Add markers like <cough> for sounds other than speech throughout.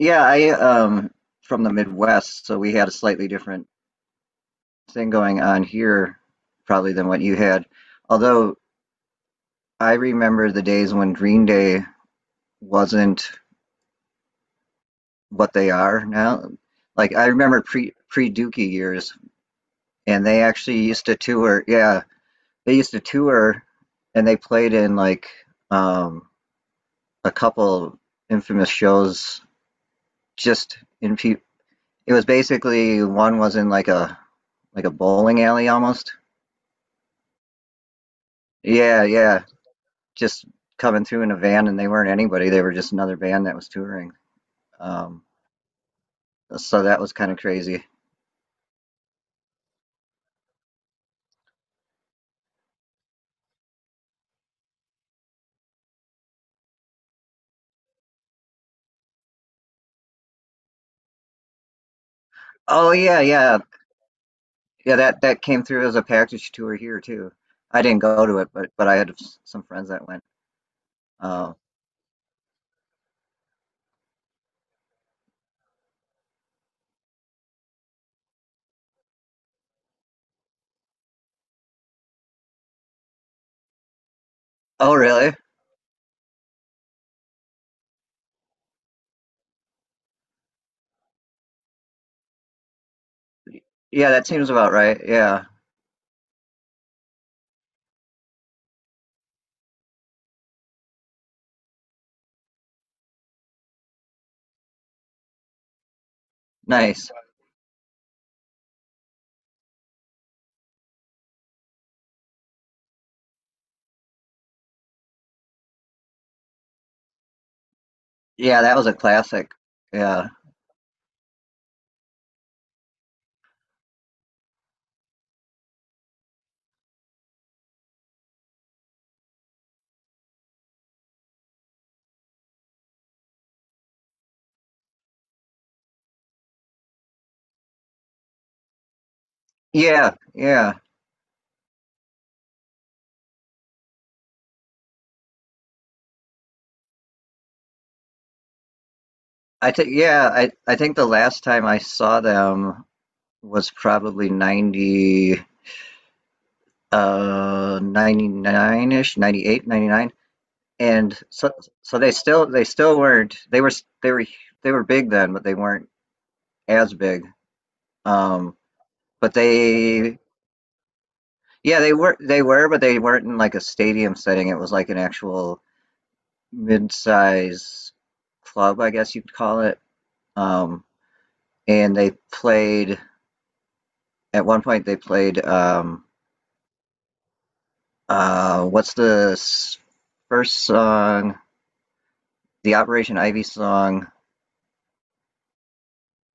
Yeah, I from the Midwest, so we had a slightly different thing going on here probably than what you had. Although I remember the days when Green Day wasn't what they are now. Like I remember pre Dookie years and they actually used to tour. Yeah, they used to tour and they played in like um a couple infamous shows just in pe it was basically one was in like a bowling alley almost. Yeah, yeah. Just coming through in a van and they weren't anybody. They were just another band that was touring. Um, so that was kind of crazy. Oh yeah, yeah. Yeah, that came through as a package tour here too. I didn't go to it, but I had some friends that went. Oh. Oh really? Yeah, that seems about right. Yeah. Nice. Yeah, that was a classic. Yeah. Yeah, yeah. I think yeah, I think the last time I saw them was probably 90 99ish, 98, 99, and so they still weren't, they were they were big then, but they weren't as big, um but they, yeah, they were but they weren't in like a stadium setting. It was like an actual mid-size club, I guess you'd call it. um and they played at one point, they played uh what's the s- first song, the Operation Ivy song.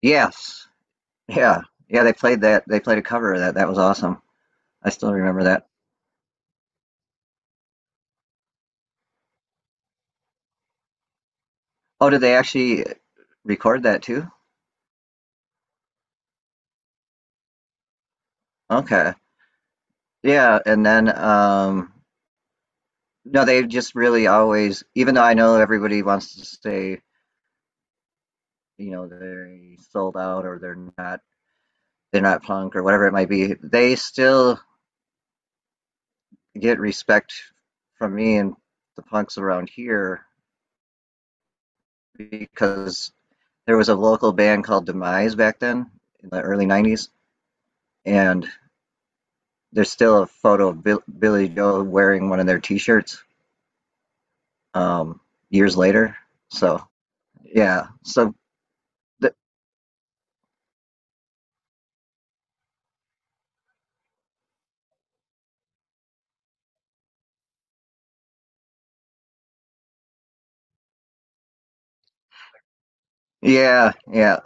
Yes. Yeah. Yeah, they played that, they played a cover of that. That was awesome. I still remember that. Oh, did they actually record that too? Okay. Yeah, and then no, they've just really always, even though I know everybody wants to say, you know, they sold out or they're not punk or whatever it might be, they still get respect from me and the punks around here because there was a local band called Demise back then in the early 90s, and there's still a photo of Bill, Billy Joe wearing one of their T-shirts, um, years later. So yeah, so th- yeah, yeah.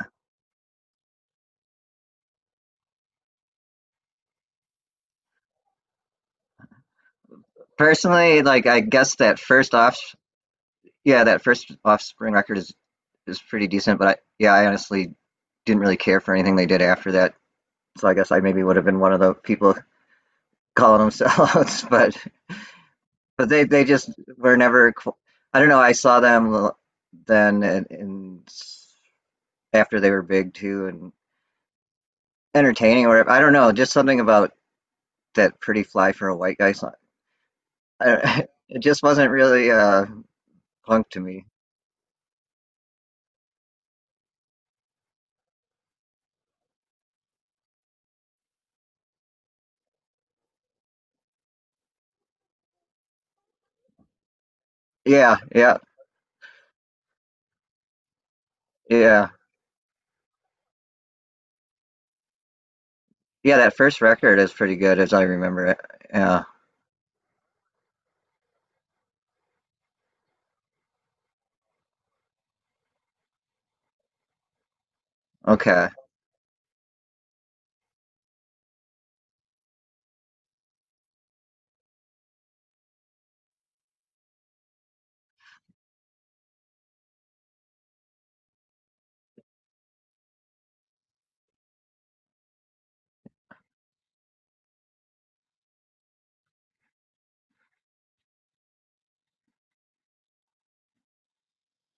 Personally, like I guess that first off, yeah, that first Offspring record is pretty decent. But I, yeah, I honestly didn't really care for anything they did after that. So I guess I maybe would have been one of the people <laughs> calling them sellouts. But they just were never. I don't know. I saw them then in after they were big too, and entertaining or whatever. I don't know, just something about that pretty fly for a white guy song. I, <laughs> it just wasn't really punk to me. Yeah, yeah, yeah. Yeah, that first record is pretty good as I remember it. Yeah. Okay.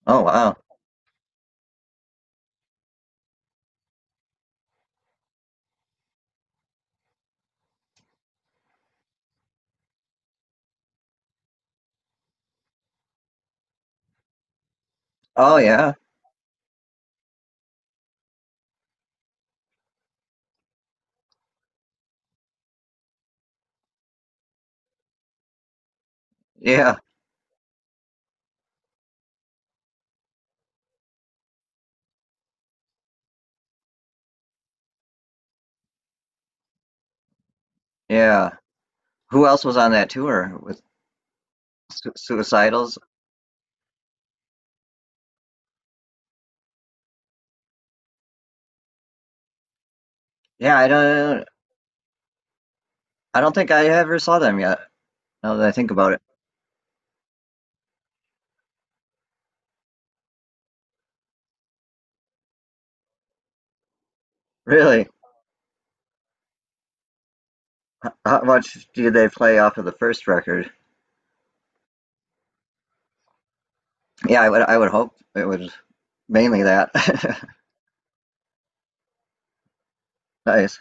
Oh wow. Oh yeah. Yeah. Yeah. Who else was on that tour with Suicidals? Yeah, I don't think I ever saw them yet, now that I think about it. Really? How much did they play off of the first record? Yeah, I would hope it was mainly that. <laughs> Nice.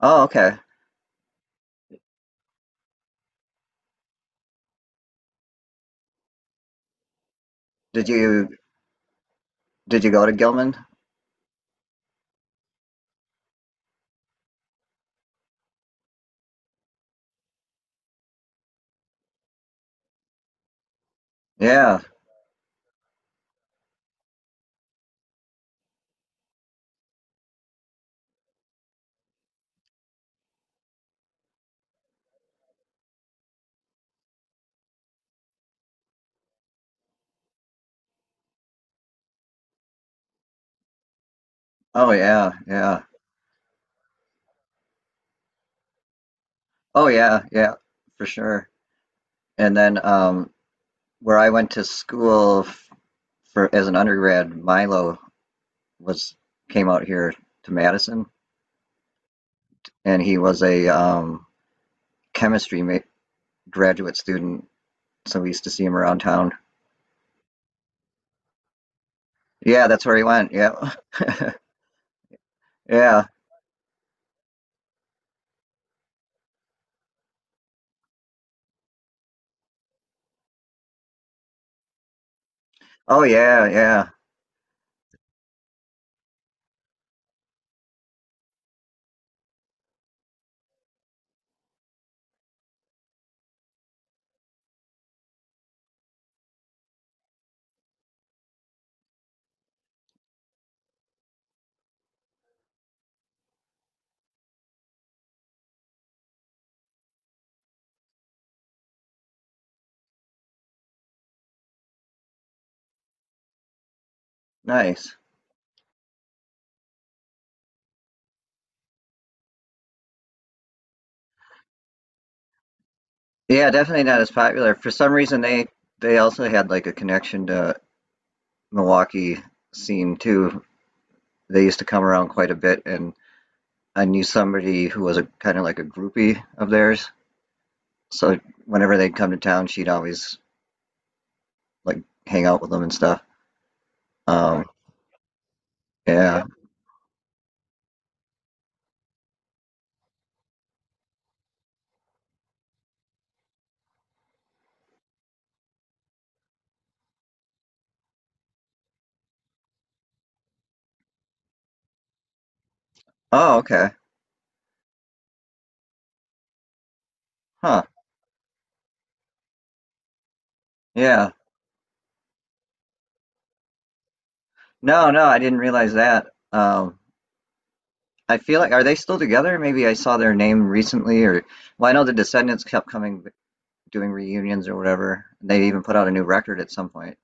Oh, okay. Did you did you go to Gilman? Yeah. Oh yeah, yeah. Oh yeah, yeah, for sure. And then where I went to school f for as an undergrad, Milo was came out here to Madison and he was a chemistry ma graduate student, so we used to see him around town. Yeah, that's where he went. Yeah. <laughs> Yeah. Oh yeah, yeah. Nice. Yeah, definitely not as popular. For some reason, they also had like a connection to Milwaukee scene too. They used to come around quite a bit, and I knew somebody who was a kind of like a groupie of theirs. So whenever they'd come to town, she'd always like hang out with them and stuff. Right. Yeah. Oh, okay. Huh. Yeah. No, no, I didn't realize that. I feel like, are they still together? Maybe I saw their name recently, or, well, I know the Descendants kept coming doing reunions or whatever. They even put out a new record at some point.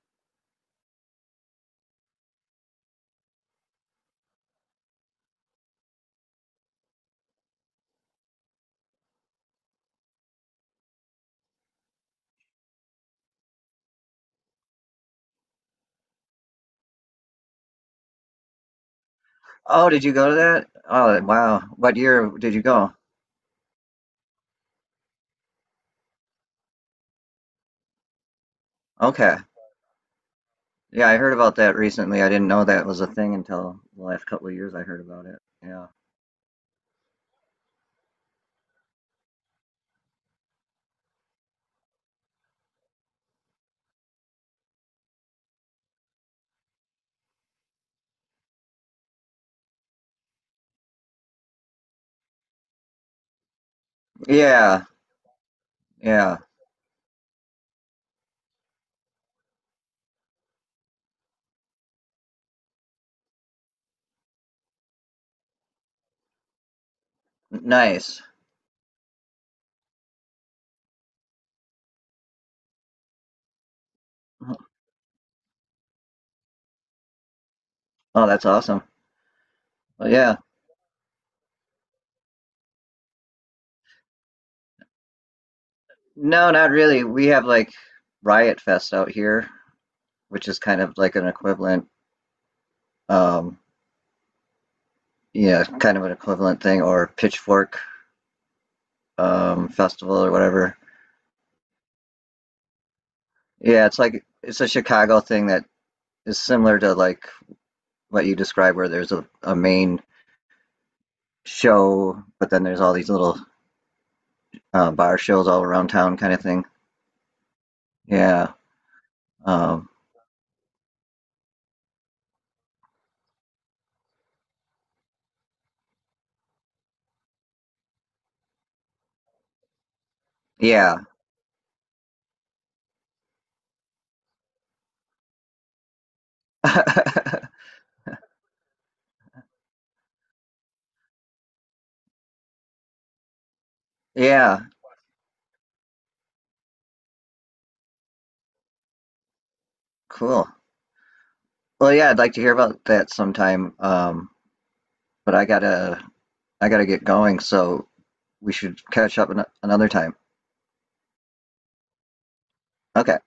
Oh, did you go to that? Oh, wow. What year did you go? Okay. Yeah, I heard about that recently. I didn't know that was a thing until the last couple of years I heard about it. Yeah. Yeah. Yeah. Nice. Oh, that's awesome. Well, yeah. No, not really. We have like Riot Fest out here, which is kind of like an equivalent, um, yeah, kind of an equivalent thing, or Pitchfork Festival or whatever. Yeah, it's like it's a Chicago thing that is similar to like what you described, where there's a main show, but then there's all these little bar shows all around town, kind of thing. Yeah, um, yeah, <laughs> yeah. Cool. Well, yeah, I'd like to hear about that sometime. But I gotta get going, so we should catch up an another time. Okay.